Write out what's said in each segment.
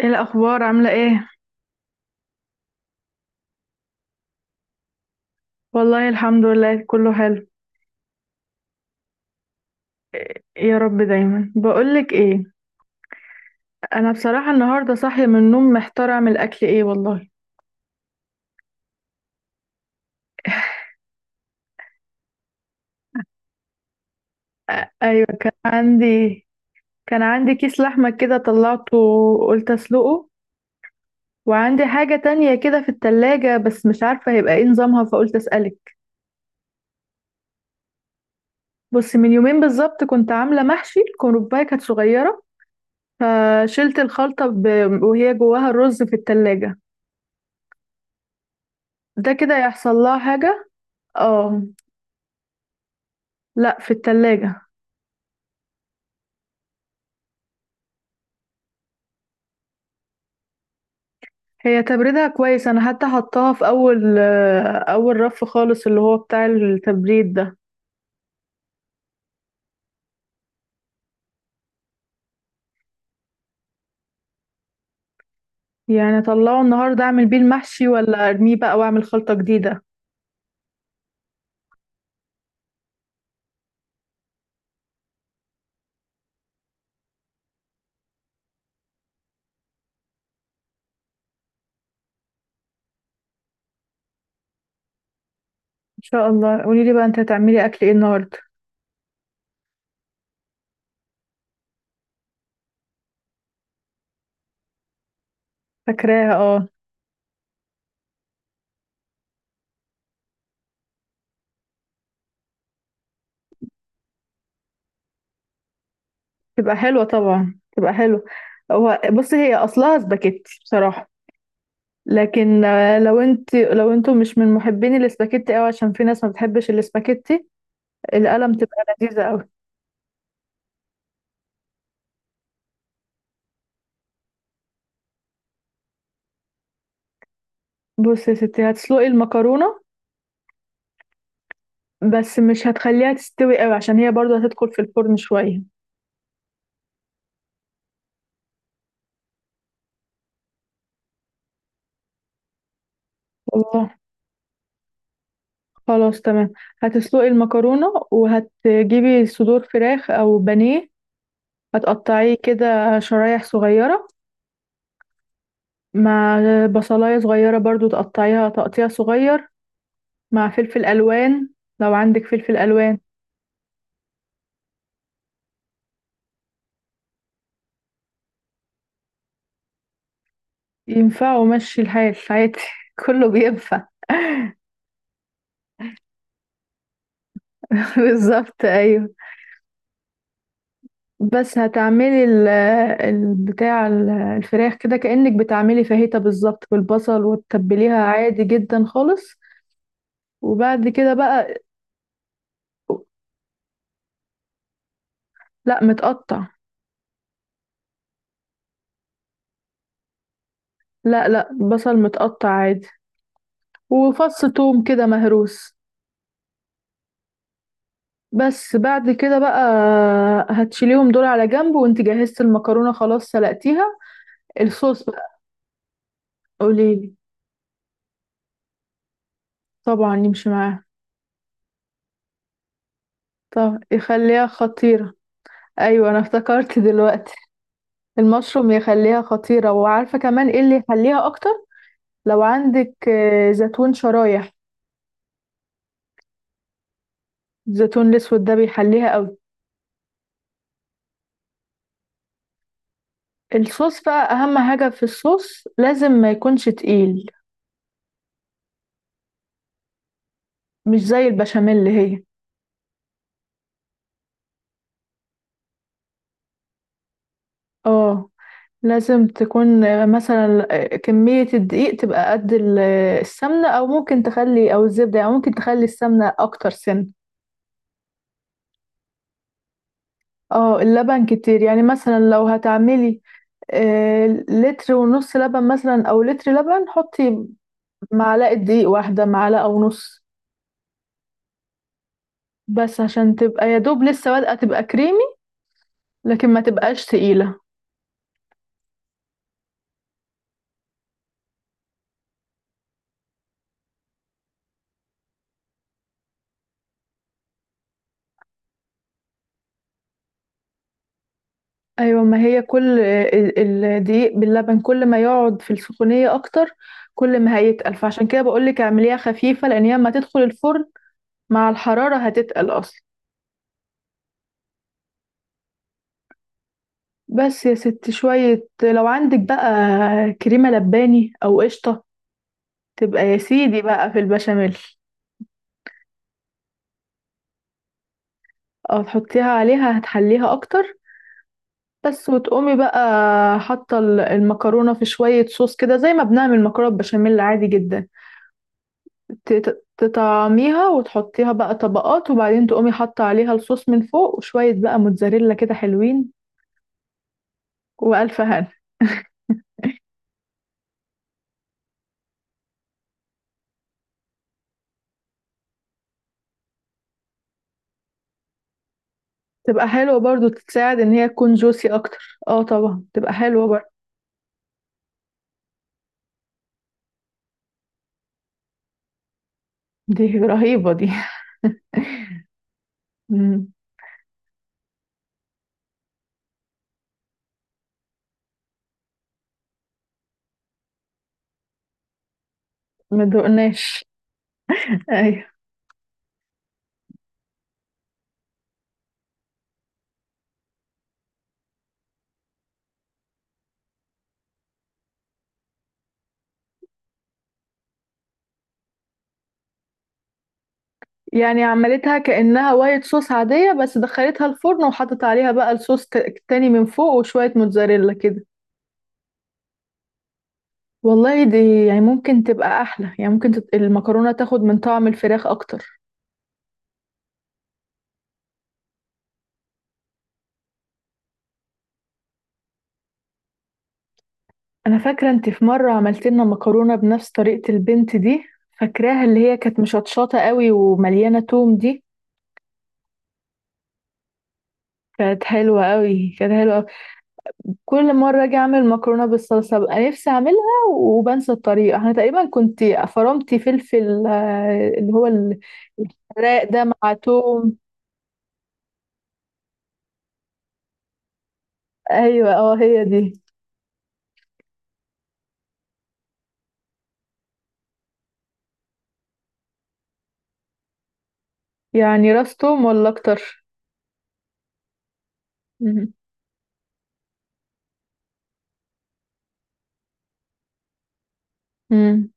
ايه الاخبار؟ عامله ايه؟ والله الحمد لله، كله حلو. يا رب دايما. بقولك ايه؟ انا بصراحه النهارده صاحيه من النوم، محتاره اعمل اكل ايه والله. ايوه، كان عندي. كان عندي كيس لحمه كده، طلعته وقلت اسلقه. وعندي حاجه تانية كده في التلاجة بس مش عارفه هيبقى ايه نظامها، فقلت اسالك. بص، من يومين بالظبط كنت عامله محشي الكرنبايه كانت صغيره، فشلت الخلطه وهي جواها الرز في التلاجة. ده كده يحصل لها حاجه؟ اه. لا، في التلاجة. هي تبريدها كويس، انا حتى حطاها في اول اول رف خالص، اللي هو بتاع التبريد ده. يعني اطلعه النهارده اعمل بيه المحشي، ولا ارميه بقى واعمل خلطة جديدة؟ ان شاء الله. قولي لي بقى انت هتعملي اكل ايه النهارده؟ فاكراها، اه. تبقى حلوة، طبعا تبقى حلوة. هو بصي، هي اصلها سباكيتي بصراحة، لكن لو انت لو انتم مش من محبين الاسباجيتي قوي، عشان في ناس ما بتحبش الاسباجيتي. القلم تبقى لذيذة قوي. بصي يا ستي، هتسلقي المكرونة بس مش هتخليها تستوي قوي عشان هي برضو هتدخل في الفرن شوية. والله. خلاص، تمام. هتسلقي المكرونة وهتجيبي صدور فراخ أو بانيه، هتقطعيه كده شرايح صغيرة، مع بصلاية صغيرة برضو تقطعيها تقطيع صغير، مع فلفل ألوان لو عندك فلفل ألوان. ينفع ومشي الحال عادي كله بينفع. بالظبط، أيوه. بس هتعملي الفراخ كده كأنك بتعملي فاهيتا بالظبط، بالبصل، وتتبليها عادي جدا خالص. وبعد كده بقى، لا متقطع. لا لا، بصل متقطع عادي. وفص توم كده مهروس. بس بعد كده بقى هتشيليهم دول على جنب، وانت جهزت المكرونة خلاص سلقتيها. الصوص بقى. قوليلي. طبعا يمشي معاها. طب يخليها خطيرة. ايوه، انا افتكرت دلوقتي. المشروم يخليها خطيرة، وعارفة كمان ايه اللي يحليها اكتر؟ لو عندك زيتون شرايح. الزيتون الاسود ده بيحليها قوي. الصوص بقى، اهم حاجة في الصوص لازم ما يكونش تقيل، مش زي البشاميل اللي هي. اه. لازم تكون مثلا كمية الدقيق تبقى قد السمنة، او ممكن تخلي او الزبدة، يعني ممكن تخلي السمنة اكتر سن. اه، اللبن كتير، يعني مثلا لو هتعملي لتر ونص لبن، مثلا، او لتر لبن، حطي معلقة دقيق واحدة، معلقة ونص، بس عشان تبقى يا دوب لسه بادئة تبقى كريمي، لكن ما تبقاش تقيلة. ايوه، ما هي كل الدقيق باللبن كل ما يقعد في السخونية اكتر، كل ما هيتقل. فعشان كده بقولك اعمليها خفيفة، لان هي اما تدخل الفرن مع الحرارة هتتقل اصلا. بس يا ست شوية، لو عندك بقى كريمة لباني او قشطة، تبقى يا سيدي بقى في البشاميل، او تحطيها عليها هتحليها اكتر. بس، وتقومي بقى حاطه المكرونه في شويه صوص كده، زي ما بنعمل مكرونه بشاميل عادي جدا، تطعميها وتحطيها بقى طبقات، وبعدين تقومي حاطه عليها الصوص من فوق، وشويه بقى موتزاريلا كده حلوين، والف هنا. تبقى حلوه برضو، تساعد ان هي تكون جوسي اكتر، اه طبعا تبقى حلوه برضو. دي رهيبه دي مم. ما دقناش. ايوه، يعني عملتها كأنها وايت صوص عادية، بس دخلتها الفرن وحطت عليها بقى الصوص تاني من فوق، وشوية موتزاريلا كده. والله، دي يعني ممكن تبقى أحلى، يعني ممكن المكرونة تاخد من طعم الفراخ أكتر. أنا فاكرة أنت في مرة عملت لنا مكرونة بنفس طريقة البنت دي، فاكراها اللي هي كانت مشطشطة قوي ومليانة توم دي. كانت حلوة قوي، كانت حلوة قوي. كل مرة أجي أعمل مكرونة بالصلصة ببقى نفسي أعملها وبنسى الطريقة. أنا تقريبا كنت فرمتي فلفل اللي هو راق ده مع توم. ايوه، اه هي دي. يعني راس توم ولا اكتر؟ مم. مم.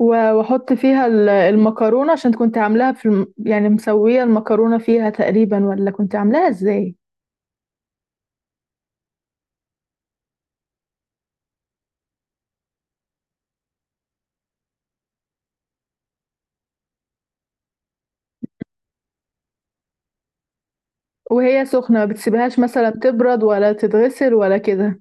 واحط فيها المكرونه، عشان كنت عاملاها في يعني مسويه المكرونه فيها تقريبا، ولا كنت عاملاها ازاي؟ وهي سخنه، ما بتسيبهاش مثلا تبرد ولا تتغسل ولا كده؟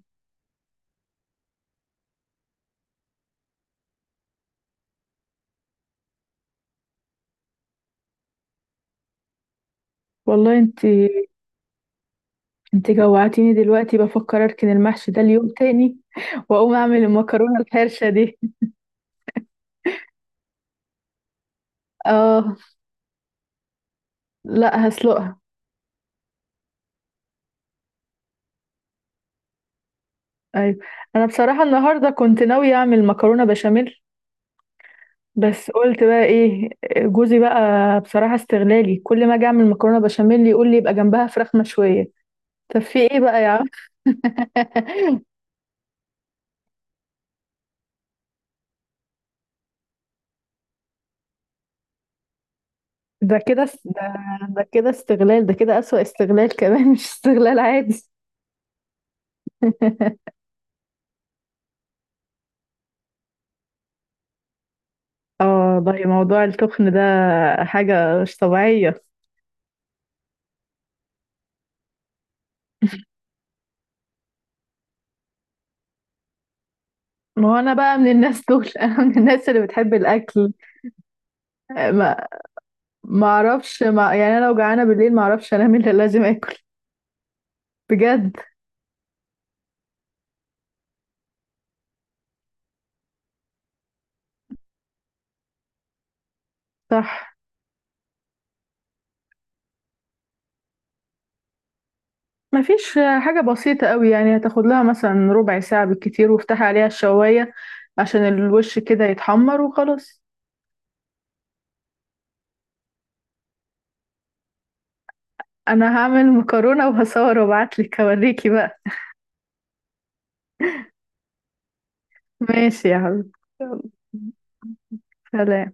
والله انت، انت جوعتيني دلوقتي، بفكر اركن المحشي ده اليوم تاني واقوم اعمل المكرونه الحرشه دي. اه. لا، هسلقها. ايوه، انا بصراحه النهارده كنت ناويه اعمل مكرونه بشاميل، بس قلت بقى ايه، جوزي بقى بصراحة استغلالي، كل ما اجي اعمل مكرونة بشاميل يقول لي يبقى جنبها فراخ مشوية. طب في ايه بقى يا عم؟ ده كده ده كده استغلال، ده كده أسوأ استغلال كمان، مش استغلال عادي. اه والله، موضوع التخن ده حاجة مش طبيعية. ما هو انا بقى من الناس دول انا من الناس اللي بتحب الاكل. ما ما اعرفش، ما يعني، انا لو جعانة بالليل ما اعرفش انام الا لازم اكل، بجد. صح. مفيش. حاجة بسيطة قوي، يعني هتاخد لها مثلا ربع ساعة بالكتير، وافتحي عليها الشواية عشان الوش كده يتحمر وخلاص. انا هعمل مكرونة وهصور وابعتلك اوريكي بقى. ماشي يا حبيبي، يلا. سلام.